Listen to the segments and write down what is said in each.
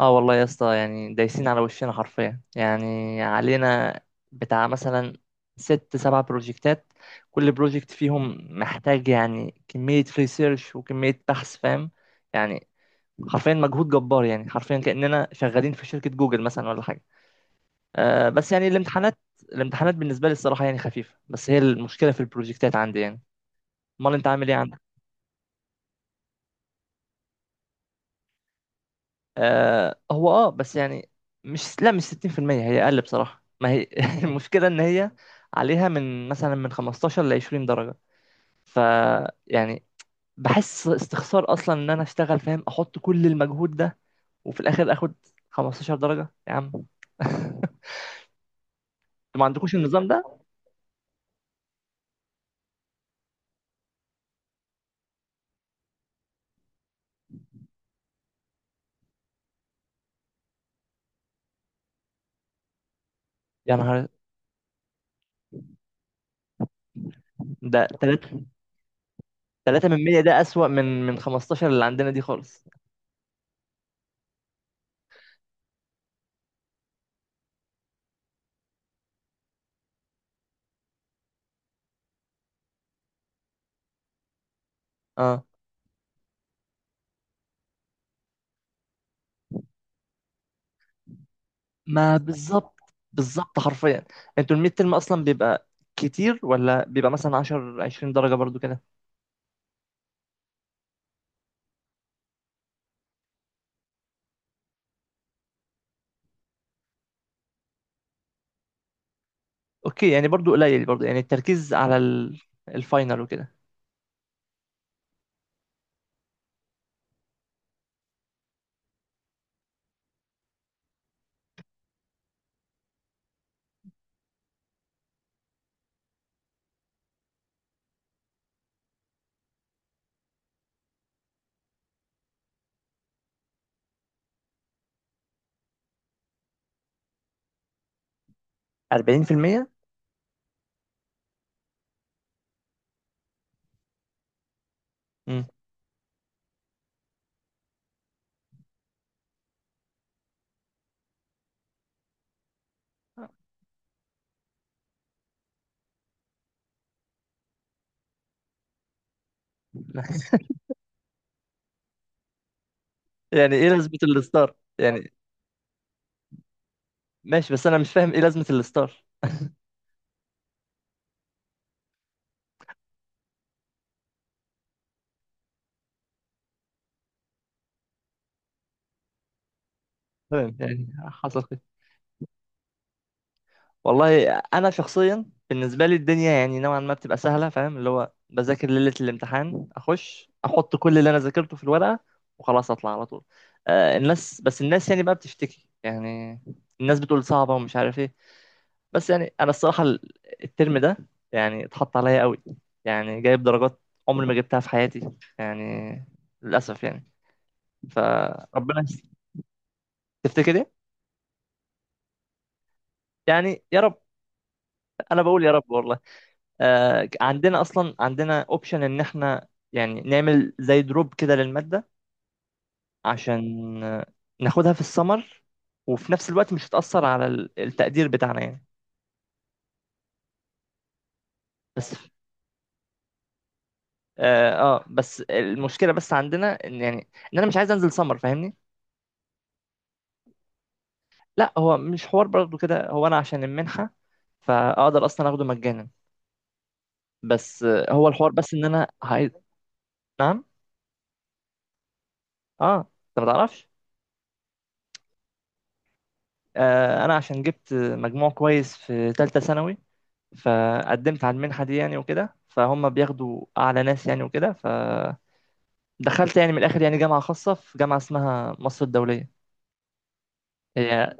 اه والله يا اسطى، يعني دايسين على وشنا حرفيا، يعني علينا بتاع مثلا ست سبع بروجكتات، كل بروجكت فيهم محتاج يعني كمية ريسيرش وكمية بحث، فاهم يعني؟ حرفيا مجهود جبار، يعني حرفيا كأننا شغالين في شركة جوجل مثلا ولا حاجة. آه بس يعني الامتحانات بالنسبة لي الصراحة يعني خفيفة، بس هي المشكلة في البروجكتات عندي يعني. امال انت عامل ايه عندك؟ آه، هو بس يعني مش 60%، هي اقل بصراحة، ما هي المشكلة ان هي عليها من مثلا من 15 ل 20 درجة. ف يعني بحس استخسار اصلا ان انا اشتغل، فاهم، احط كل المجهود ده وفي الاخر اخد 15 درجة يا عم. انتوا ما عندكوش النظام ده؟ يا نهار، ده 3 من 100، ده اسوأ من 15 اللي عندنا دي خالص. اه، ما بالظبط، بالظبط حرفيا. انتوا الميد ترم اصلا بيبقى كتير، ولا بيبقى مثلا 10 20 درجة برضو كده؟ اوكي، يعني برضو قليل، برضو يعني التركيز على الفاينل وكده. 40%. مم. يعني ايه لازمة الستار يعني؟ ماشي، بس انا مش فاهم ايه لازمة الستار. فاهم يعني، حصل خير. والله انا شخصيا بالنسبه لي الدنيا يعني نوعا ما بتبقى سهله، فاهم؟ اللي هو بذاكر ليله الامتحان، اخش احط كل اللي انا ذاكرته في الورقه وخلاص اطلع على طول. آه الناس، بس الناس يعني بقى بتشتكي يعني، الناس بتقول صعبه ومش عارف ايه. بس يعني انا الصراحه الترم ده يعني اتحط عليا قوي، يعني جايب درجات عمري ما جبتها في حياتي يعني، للاسف يعني، فربنا يستر. تفتكر ايه؟ يعني يا رب، انا بقول يا رب والله. آه، عندنا اصلا، عندنا اوبشن ان احنا يعني نعمل زي دروب كده للماده، عشان ناخدها في السمر، وفي نفس الوقت مش هتأثر على التقدير بتاعنا يعني. بس بس المشكله، بس عندنا ان يعني ان انا مش عايز انزل سمر، فاهمني؟ لا، هو مش حوار برضه كده، هو انا عشان المنحه فاقدر اصلا اخده مجانا، بس هو الحوار بس ان انا عايز. نعم. اه. انت ما تعرفش؟ انا عشان جبت مجموع كويس في ثالثه ثانوي، فقدمت على المنحة دي يعني، وكده فهم بياخدوا أعلى ناس يعني، وكده فدخلت. يعني من الآخر يعني، جامعة خاصة، في جامعة اسمها مصر الدولية. هي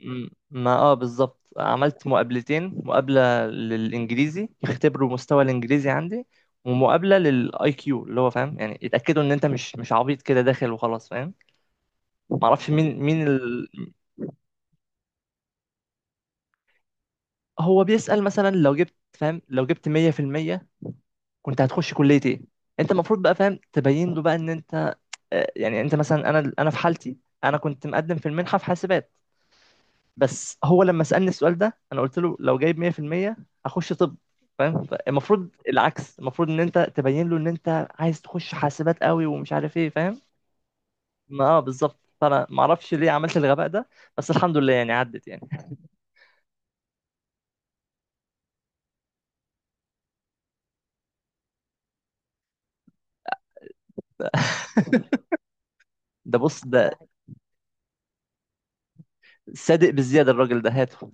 ما بالظبط، عملت مقابلتين، مقابلة للإنجليزي يختبروا مستوى الإنجليزي عندي، ومقابلة للاي كيو، اللي هو فاهم يعني يتأكدوا ان انت مش عبيط كده داخل وخلاص، فاهم؟ معرفش مين مين ال... هو بيسأل مثلا لو جبت 100%، كنت هتخش كلية ايه. انت المفروض بقى فاهم تبين له بقى ان انت يعني انت مثلا، انا في حالتي انا كنت مقدم في المنحه في حاسبات، بس هو لما سالني السؤال ده انا قلت له لو جايب 100% اخش طب. فاهم؟ المفروض العكس، المفروض ان انت تبين له ان انت عايز تخش حاسبات قوي ومش عارف ايه، فاهم؟ ما بالظبط، فانا ما اعرفش ليه عملت الغباء ده، بس الحمد لله يعني عدت يعني. ده بص، ده صادق بزياده الراجل ده، هاته.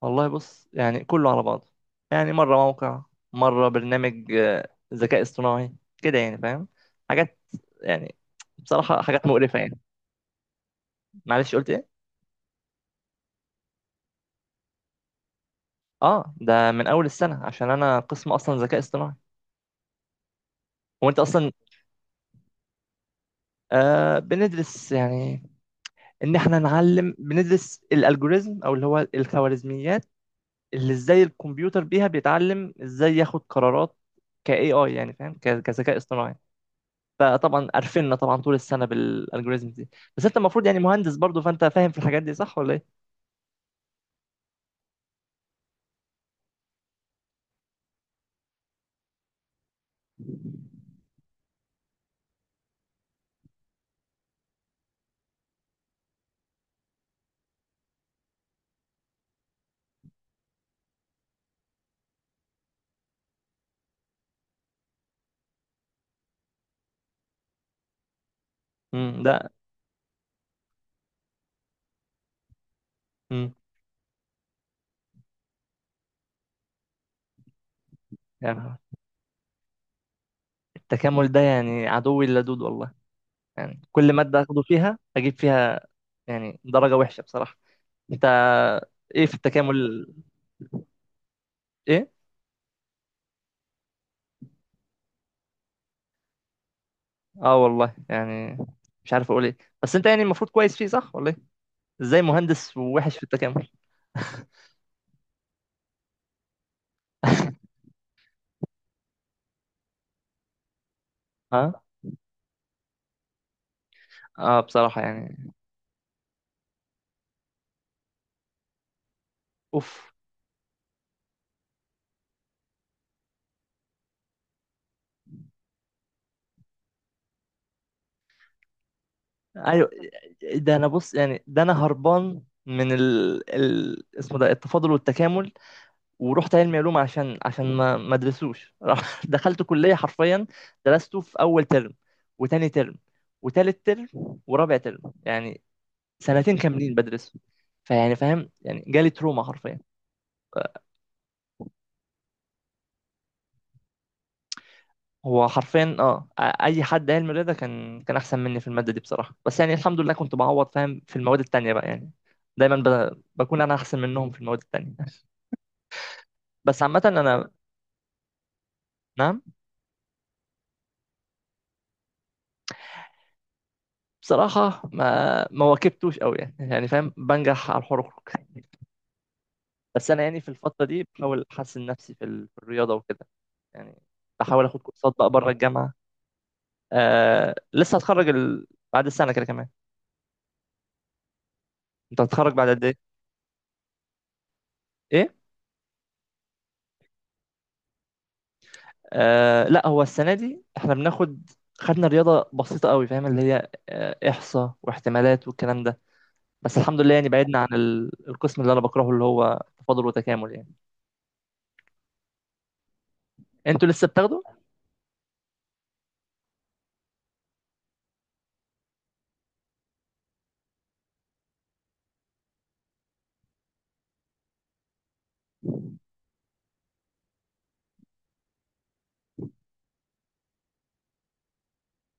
والله بص، يعني كله على بعضه، يعني مره موقع، مره برنامج، ذكاء اصطناعي كده، يعني فاهم، حاجات يعني، بصراحة حاجات مقرفة يعني. معلش قلت ايه؟ اه، ده من اول السنة، عشان انا قسم اصلا ذكاء اصطناعي. هو انت اصلا بندرس يعني، ان احنا نعلم بندرس الالجوريزم، او اللي هو الخوارزميات، اللي ازاي الكمبيوتر بيها بيتعلم، ازاي ياخد قرارات ك AI يعني، فاهم؟ كذكاء اصطناعي. فطبعا قرفنا طبعا طول السنة بالالجوريزم دي. بس انت المفروض يعني مهندس برضو، فانت فاهم في الحاجات دي صح ولا ايه؟ امم، ده، امم، يعني التكامل ده يعني عدوي اللدود والله، يعني كل مادة اخده فيها اجيب فيها يعني درجة وحشة بصراحة. انت، ايه في التكامل؟ ايه؟ اه والله يعني، مش عارف اقول ايه. بس انت يعني المفروض كويس فيه، صح ولا ايه؟ ازاي مهندس ووحش في التكامل؟ ها، اه، بصراحة يعني، اوف. ايوه، ده انا بص يعني، ده انا هربان من ال... ال... اسمه ده التفاضل والتكامل، ورحت علمي علوم عشان ما ادرسوش. دخلت كلية، حرفيا درسته في أول ترم، وتاني ترم، وتالت ترم، ورابع ترم، يعني سنتين كاملين بدرسه. فيعني فاهم يعني، جالي تروما حرفيا. هو حرفيا اي حد علم رياضه كان احسن مني في الماده دي بصراحه، بس يعني الحمد لله كنت بعوض فاهم في المواد التانية بقى يعني، دايما بكون انا احسن منهم في المواد التانية. بس عامه انا، نعم. بصراحه ما واكبتوش قوي، يعني فاهم، بنجح على الحروق. بس انا يعني في الفتره دي بحاول احسن نفسي في الرياضه وكده، يعني بحاول اخد كورسات بقى بره الجامعه. آه لسه، هتخرج ال... بعد السنه كده كمان. انت هتتخرج بعد قد ايه؟ ايه؟ آه لا، هو السنه دي احنا بناخد، خدنا رياضه بسيطه قوي، فاهم؟ اللي هي احصاء واحتمالات والكلام ده. بس الحمد لله يعني بعدنا عن ال... القسم اللي انا بكرهه، اللي هو تفاضل وتكامل يعني. انتوا لسه بتاخدوا؟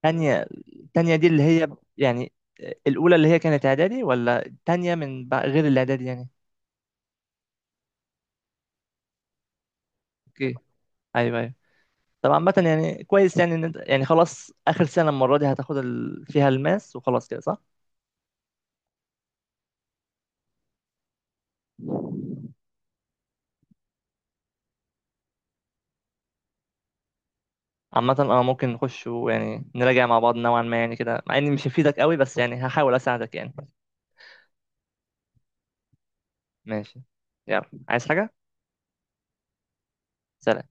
تانية؟ التانية دي اللي هي يعني الاولى اللي هي كانت اعدادي، ولا تانية غير الاعدادي يعني؟ اوكي، ايوه ايوه. طب عامة يعني كويس يعني، ان انت يعني خلاص اخر سنة المرة دي هتاخد ال... فيها الماس وخلاص كده، صح؟ عامة اه، ممكن نخش ويعني نراجع مع بعض، نوعا ما يعني كده، مع اني مش هفيدك قوي، بس يعني هحاول اساعدك يعني. ماشي. يلا، عايز حاجة؟ سلام.